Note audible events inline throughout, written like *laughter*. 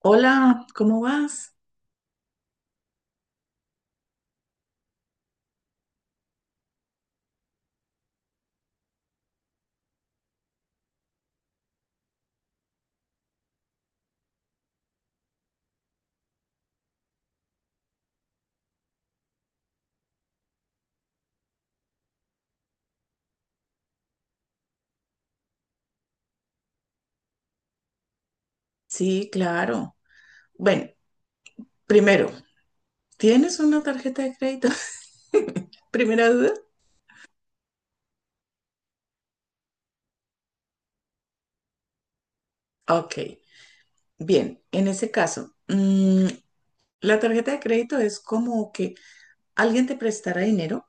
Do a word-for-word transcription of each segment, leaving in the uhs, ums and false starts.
Hola, ¿cómo vas? Sí, claro. Bueno, primero, ¿tienes una tarjeta de crédito? *laughs* Primera duda. Ok, bien, en ese caso, mm, la tarjeta de crédito es como que alguien te prestará dinero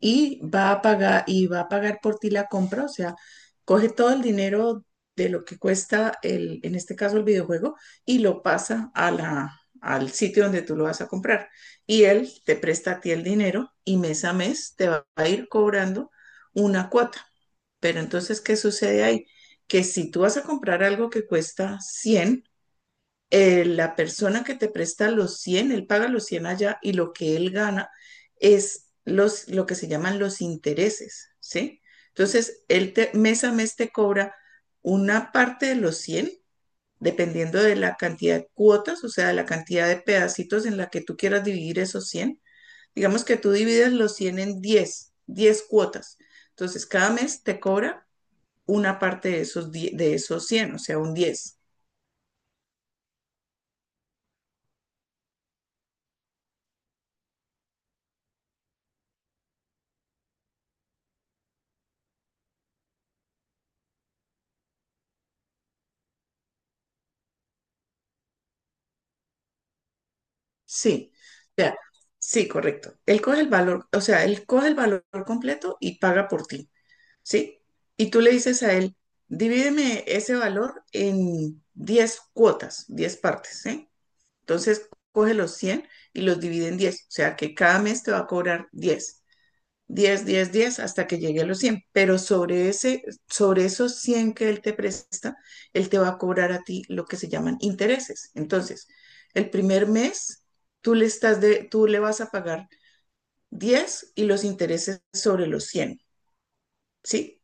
y va a pagar y va a pagar por ti la compra, o sea, coge todo el dinero de lo que cuesta el, en este caso el videojuego y lo pasa a la, al sitio donde tú lo vas a comprar. Y él te presta a ti el dinero y mes a mes te va a ir cobrando una cuota. Pero entonces, ¿qué sucede ahí? Que si tú vas a comprar algo que cuesta cien, eh, la persona que te presta los cien, él paga los cien allá y lo que él gana es los, lo que se llaman los intereses, ¿sí? Entonces, él te, mes a mes te cobra una parte de los cien, dependiendo de la cantidad de cuotas, o sea, de la cantidad de pedacitos en la que tú quieras dividir esos cien. Digamos que tú divides los cien en diez diez cuotas. Entonces, cada mes te cobra una parte de esos, die- de esos cien, o sea, un diez. Sí, o sea, sí, correcto. Él coge el valor, o sea, él coge el valor completo y paga por ti, ¿sí? Y tú le dices a él, divídeme ese valor en diez cuotas, diez partes, ¿sí? Entonces coge los cien y los divide en diez, o sea que cada mes te va a cobrar diez diez diez 10 hasta que llegue a los cien, pero sobre, ese, sobre esos cien que él te presta, él te va a cobrar a ti lo que se llaman intereses. Entonces, el primer mes tú le, estás de, tú le vas a pagar diez y los intereses sobre los cien, ¿sí?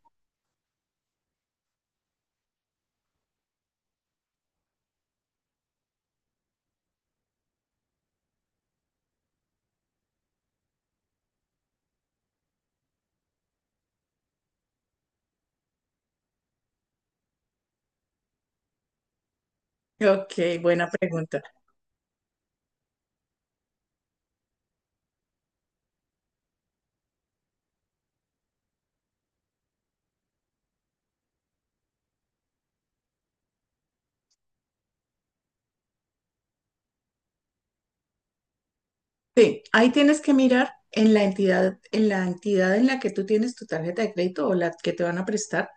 Ok, buena pregunta. Sí, ahí tienes que mirar en la entidad, en la entidad en la que tú tienes tu tarjeta de crédito o la que te van a prestar.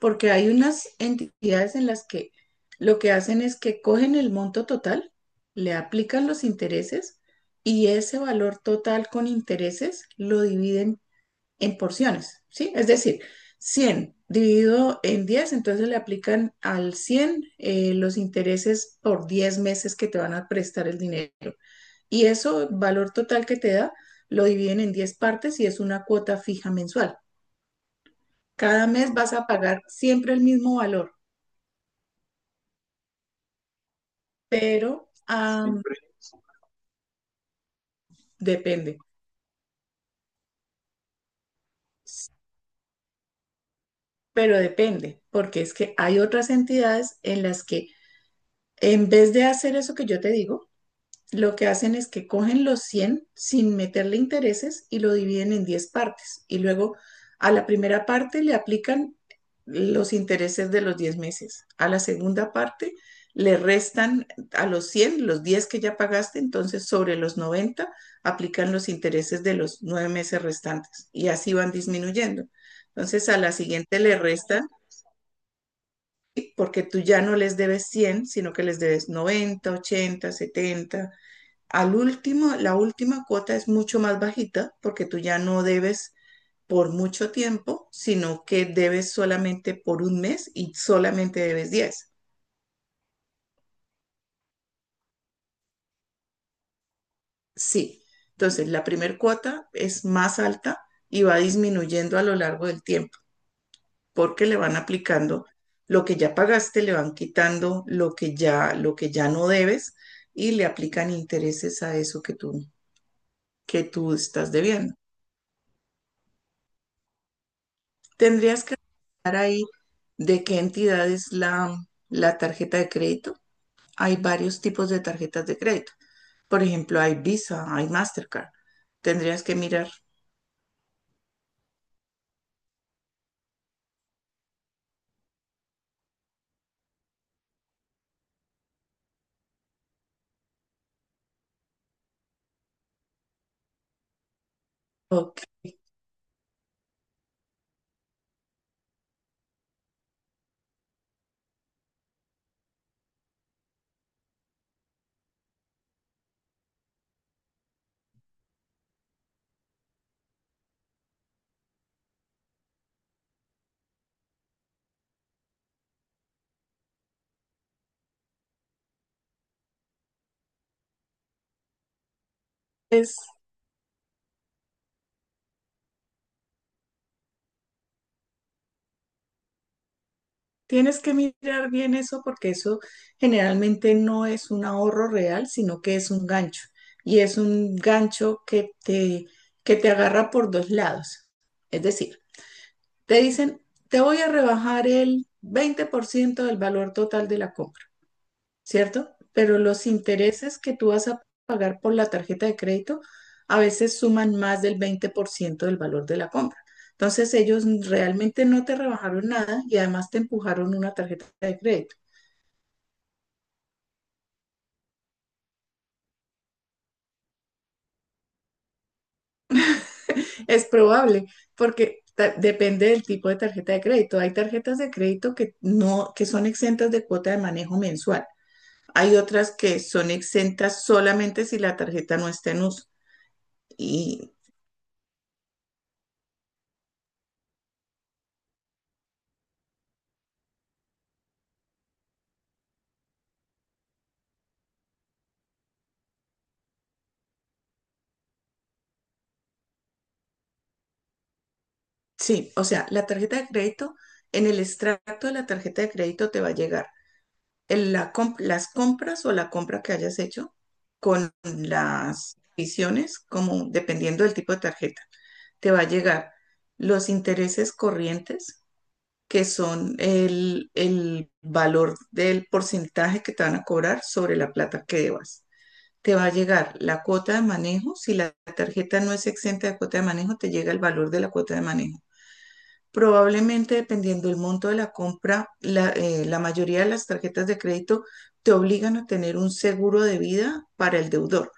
Porque hay unas entidades en las que lo que hacen es que cogen el monto total, le aplican los intereses y ese valor total con intereses lo dividen en porciones, ¿sí? Es decir, cien dividido en diez, entonces le aplican al cien eh, los intereses por diez meses que te van a prestar el dinero. Y eso, valor total que te da, lo dividen en diez partes y es una cuota fija mensual. Cada mes vas a pagar siempre el mismo valor. pero am, Siempre. Depende, pero depende, porque es que hay otras entidades en las que en vez de hacer eso que yo te digo, lo que hacen es que cogen los cien sin meterle intereses y lo dividen en diez partes. Y luego a la primera parte le aplican los intereses de los diez meses. A la segunda parte le restan a los cien los diez que ya pagaste, entonces sobre los noventa aplican los intereses de los nueve meses restantes y así van disminuyendo. Entonces a la siguiente le restan, sí, porque tú ya no les debes cien, sino que les debes noventa, ochenta, setenta. Al último, la última cuota es mucho más bajita porque tú ya no debes por mucho tiempo, sino que debes solamente por un mes y solamente debes diez. Sí. Entonces, la primera cuota es más alta y va disminuyendo a lo largo del tiempo porque le van aplicando lo que ya pagaste, le van quitando lo que ya, lo que ya no debes y le aplican intereses a eso que tú, que tú estás debiendo. Tendrías que estar ahí. ¿De qué entidad es la, la tarjeta de crédito? Hay varios tipos de tarjetas de crédito. Por ejemplo, hay Visa, hay Mastercard. Tendrías que mirar. Ok, es- tienes que mirar bien eso porque eso generalmente no es un ahorro real, sino que es un gancho. Y es un gancho que te, que te agarra por dos lados. Es decir, te dicen, te voy a rebajar el veinte por ciento del valor total de la compra, ¿cierto? Pero los intereses que tú vas a pagar por la tarjeta de crédito a veces suman más del veinte por ciento del valor de la compra. Entonces ellos realmente no te rebajaron nada y además te empujaron una tarjeta de crédito. Es probable porque ta- depende del tipo de tarjeta de crédito. Hay tarjetas de crédito que no, que son exentas de cuota de manejo mensual. Hay otras que son exentas solamente si la tarjeta no está en uso. Y sí, o sea, la tarjeta de crédito, en el extracto de la tarjeta de crédito te va a llegar el- la comp- las compras o la compra que hayas hecho con las visiones, como dependiendo del tipo de tarjeta. Te va a llegar los intereses corrientes, que son el, el valor del porcentaje que te van a cobrar sobre la plata que debas. Te va a llegar la cuota de manejo. Si la tarjeta no es exenta de cuota de manejo, te llega el valor de la cuota de manejo. Probablemente, dependiendo del monto de la compra, la, eh, la mayoría de las tarjetas de crédito te obligan a tener un seguro de vida para el deudor. O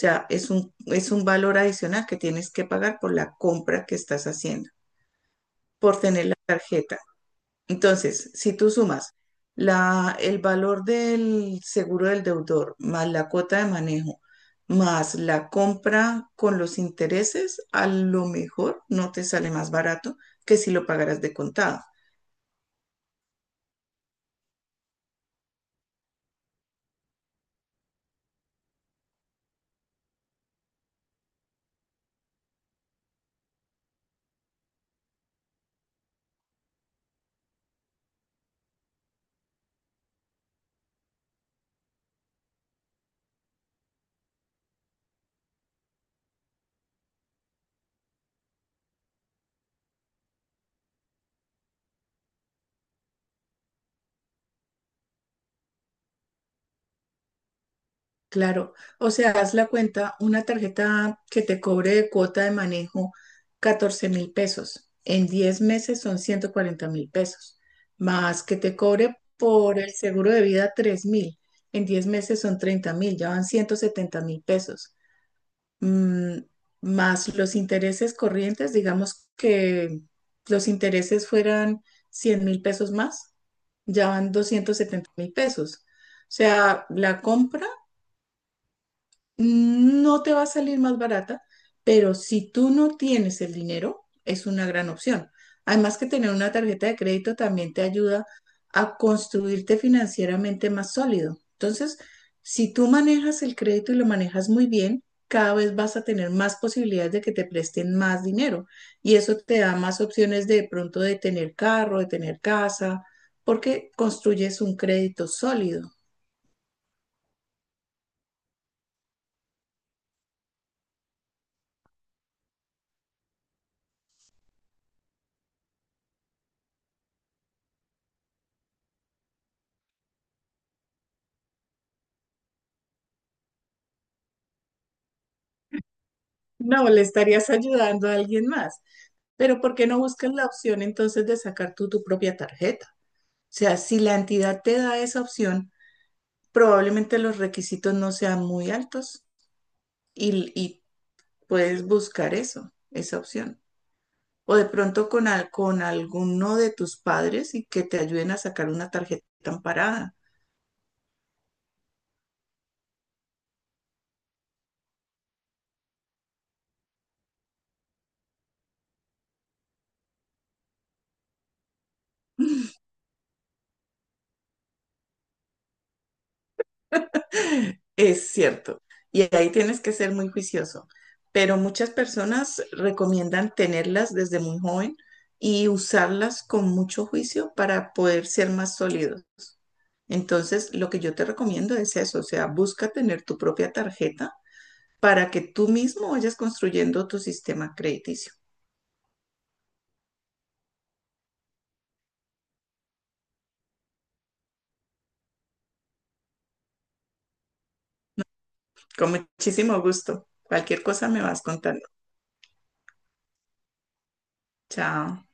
sea, es un, es un valor adicional que tienes que pagar por la compra que estás haciendo, por tener la tarjeta. Entonces, si tú sumas la, el valor del seguro del deudor, más la cuota de manejo, más la compra con los intereses, a lo mejor no te sale más barato que si lo pagaras de contado. Claro, o sea, haz la cuenta, una tarjeta que te cobre de cuota de manejo catorce mil pesos, en diez meses son ciento cuarenta mil pesos, más que te cobre por el seguro de vida tres mil, en diez meses son treinta mil, ya van ciento setenta mil pesos. Mm, más los intereses corrientes, digamos que los intereses fueran cien mil pesos más, ya van doscientos setenta mil pesos. O sea, la compra no te va a salir más barata, pero si tú no tienes el dinero, es una gran opción. Además que tener una tarjeta de crédito también te ayuda a construirte financieramente más sólido. Entonces, si tú manejas el crédito y lo manejas muy bien, cada vez vas a tener más posibilidades de que te presten más dinero y eso te da más opciones de pronto de tener carro, de tener casa, porque construyes un crédito sólido. No, le estarías ayudando a alguien más. Pero ¿por qué no buscas la opción entonces de sacar tú tu propia tarjeta? O sea, si la entidad te da esa opción, probablemente los requisitos no sean muy altos y, y puedes buscar eso, esa opción. O de pronto con, al- con alguno de tus padres y que te ayuden a sacar una tarjeta amparada. Es cierto. Y ahí tienes que ser muy juicioso. Pero muchas personas recomiendan tenerlas desde muy joven y usarlas con mucho juicio para poder ser más sólidos. Entonces, lo que yo te recomiendo es eso, o sea, busca tener tu propia tarjeta para que tú mismo vayas construyendo tu sistema crediticio. Con muchísimo gusto. Cualquier cosa me vas contando. Chao.